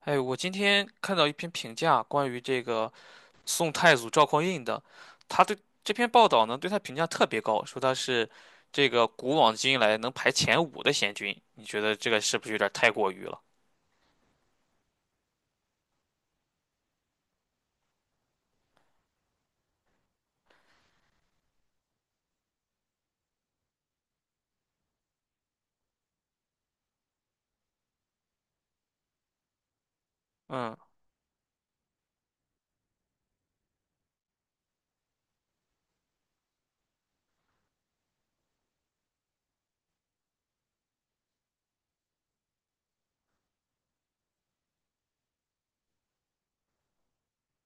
哎，我今天看到一篇评价，关于这个宋太祖赵匡胤的，他对这篇报道呢，对他评价特别高，说他是这个古往今来能排前五的贤君。你觉得这个是不是有点太过于了？嗯，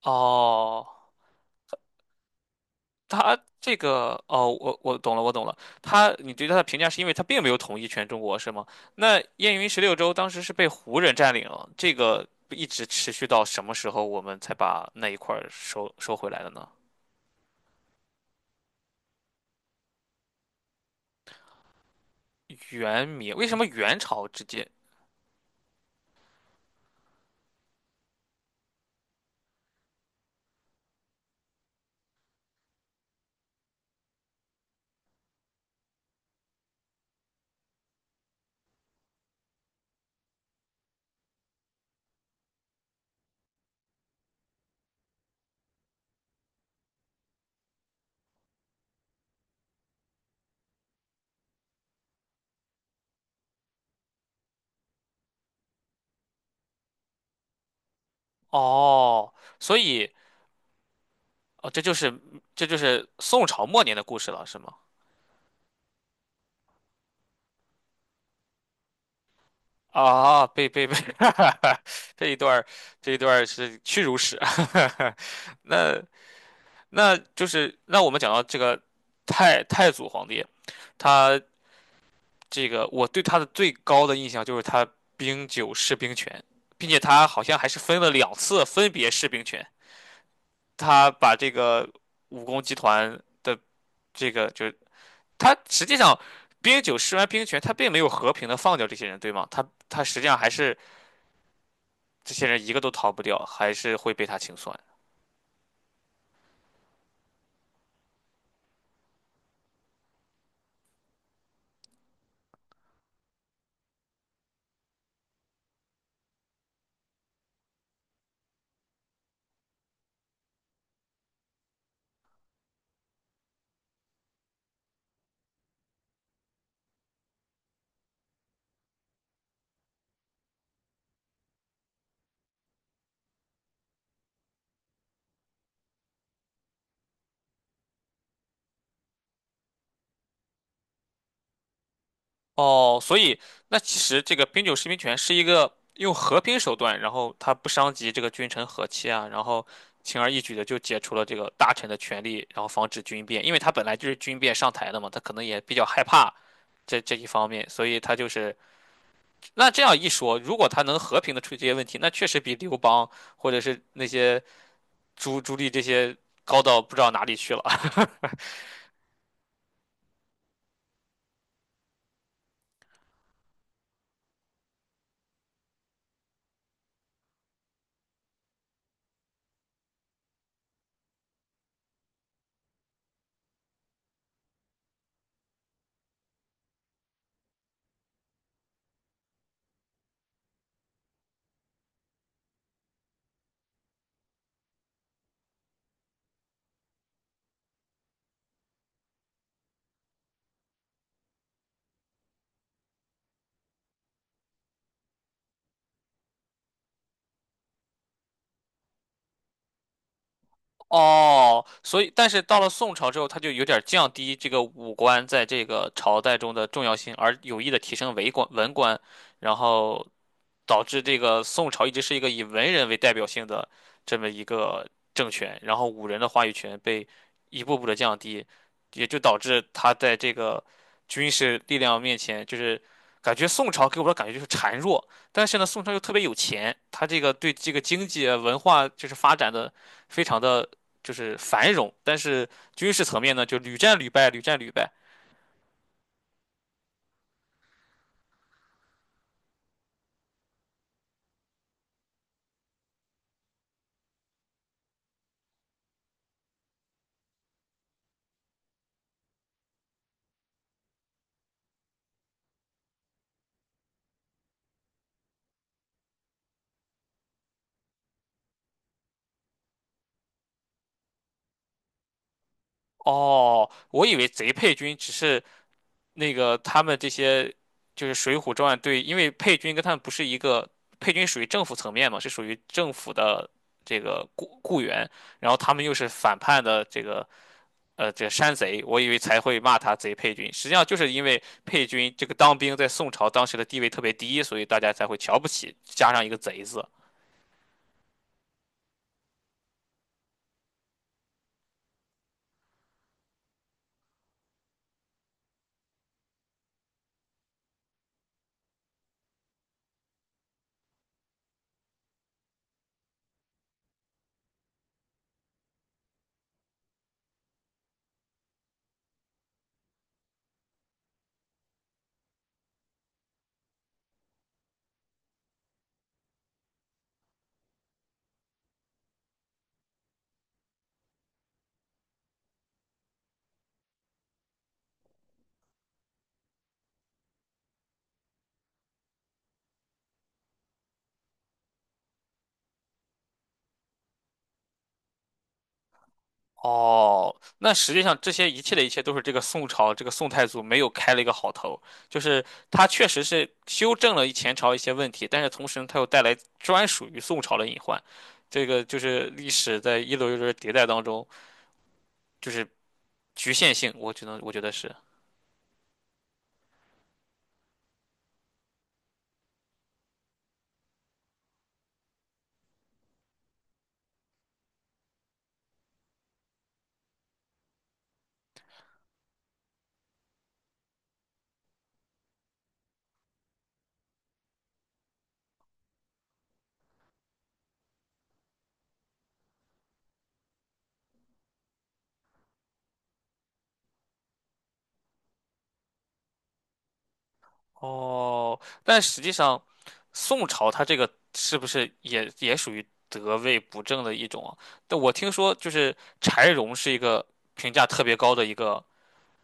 哦，他这个，哦，我懂了，我懂了。他，你对他的评价是因为他并没有统一全中国，是吗？那燕云十六州当时是被胡人占领了，这个一直持续到什么时候我们才把那一块儿收回来的呢？元明，为什么元朝之间？哦，所以哦，这就是宋朝末年的故事了，是吗？啊，被 这一段儿这一段儿是屈辱史。那那就是那我们讲到这个太祖皇帝，他这个我对他的最高的印象就是他兵九释兵权，并且他好像还是分了两次分别释兵权，他把这个武功集团的这个就他实际上冰九施完兵权，他并没有和平的放掉这些人，对吗？他实际上还是这些人一个都逃不掉，还是会被他清算。哦，所以那其实这个冰九施兵权是一个用和平手段，然后他不伤及这个君臣和气啊，然后轻而易举的就解除了这个大臣的权力，然后防止军变，因为他本来就是军变上台的嘛，他可能也比较害怕。这一方面，所以他就是那这样一说，如果他能和平的处理这些问题，那确实比刘邦或者是那些朱棣这些高到不知道哪里去了。哦，所以但是到了宋朝之后，他就有点降低这个武官在这个朝代中的重要性，而有意的提升为官文官，然后导致这个宋朝一直是一个以文人为代表性的这么一个政权，然后武人的话语权被一步步的降低，也就导致他在这个军事力量面前，就是感觉宋朝给我的感觉就是孱弱，但是呢，宋朝又特别有钱，他这个对这个经济啊文化就是发展的非常的就是繁荣，但是军事层面呢就屡战屡败，屡战屡败。哦，我以为贼配军只是那个他们这些就是《水浒传》对，因为配军跟他们不是一个，配军属于政府层面嘛，是属于政府的这个雇员，然后他们又是反叛的这个这个山贼，我以为才会骂他贼配军，实际上就是因为配军这个当兵在宋朝当时的地位特别低，所以大家才会瞧不起，加上一个贼字。哦，那实际上这些一切的一切都是这个宋朝这个宋太祖没有开了一个好头，就是他确实是修正了前朝一些问题，但是同时呢他又带来专属于宋朝的隐患，这个就是历史在一轮一轮迭代当中，就是局限性，我觉得是。哦，但实际上宋朝它这个是不是也属于得位不正的一种啊？但我听说就是柴荣是一个评价特别高的一个。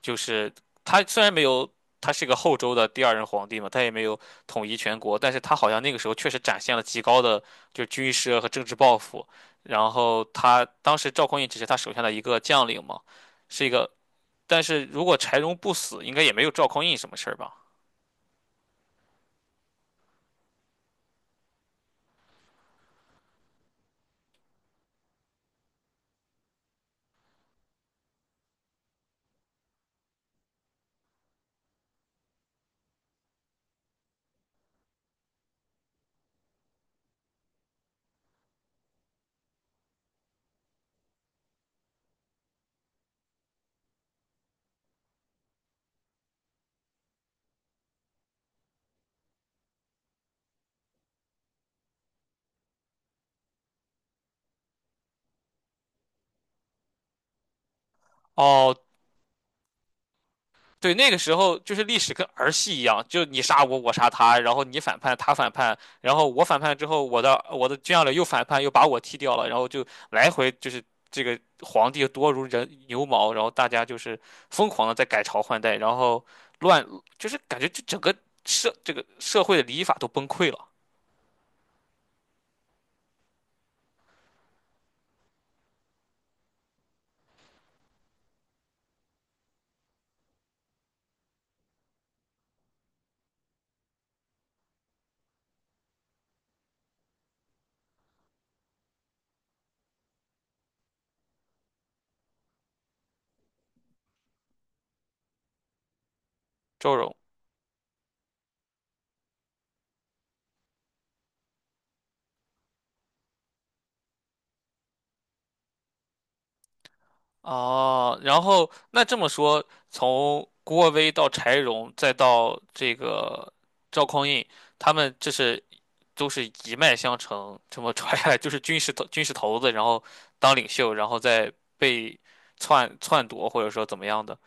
就是他虽然没有，他是个后周的第二任皇帝嘛，他也没有统一全国，但是他好像那个时候确实展现了极高的就是军事和政治抱负。然后他当时赵匡胤只是他手下的一个将领嘛，是一个。但是如果柴荣不死，应该也没有赵匡胤什么事儿吧？哦，对，那个时候就是历史跟儿戏一样，就你杀我，我杀他，然后你反叛，他反叛，然后我反叛之后，我的军将领又反叛，又把我踢掉了，然后就来回就是这个皇帝多如人牛毛，然后大家就是疯狂的在改朝换代，然后乱，就是感觉就整个这个社会的礼法都崩溃了。周荣哦，然后那这么说，从郭威到柴荣，再到这个赵匡胤，他们这是都是一脉相承，这么传下来，就是军事头子，然后当领袖，然后再被篡夺，或者说怎么样的。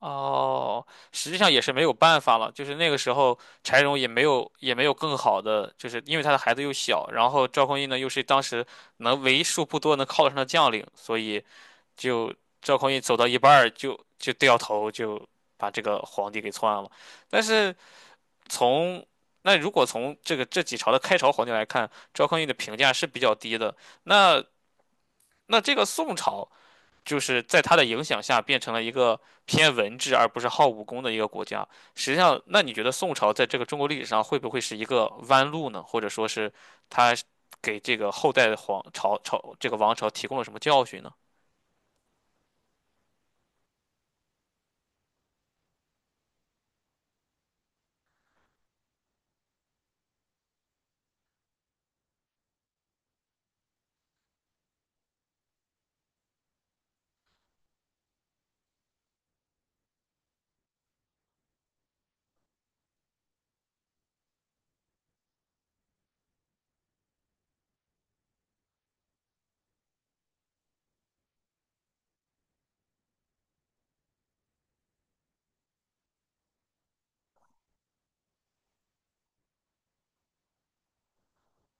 哦，实际上也是没有办法了，就是那个时候柴荣也没有也没有更好的，就是因为他的孩子又小，然后赵匡胤呢又是当时能为数不多能靠得上的将领，所以就赵匡胤走到一半儿就掉头，就把这个皇帝给篡了。但是从那如果从这个这几朝的开朝皇帝来看，赵匡胤的评价是比较低的。那那这个宋朝就是在他的影响下变成了一个偏文治而不是好武功的一个国家。实际上，那你觉得宋朝在这个中国历史上会不会是一个弯路呢？或者说是他给这个后代的皇朝朝这个王朝提供了什么教训呢？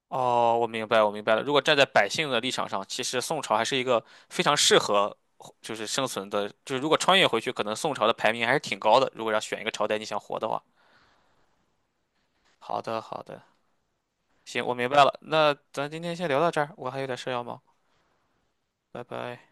哦，我明白，我明白了。如果站在百姓的立场上，其实宋朝还是一个非常适合就是生存的，就是如果穿越回去，可能宋朝的排名还是挺高的。如果要选一个朝代你想活的话，好的，好的，行，我明白了。那咱今天先聊到这儿，我还有点事要忙，拜拜。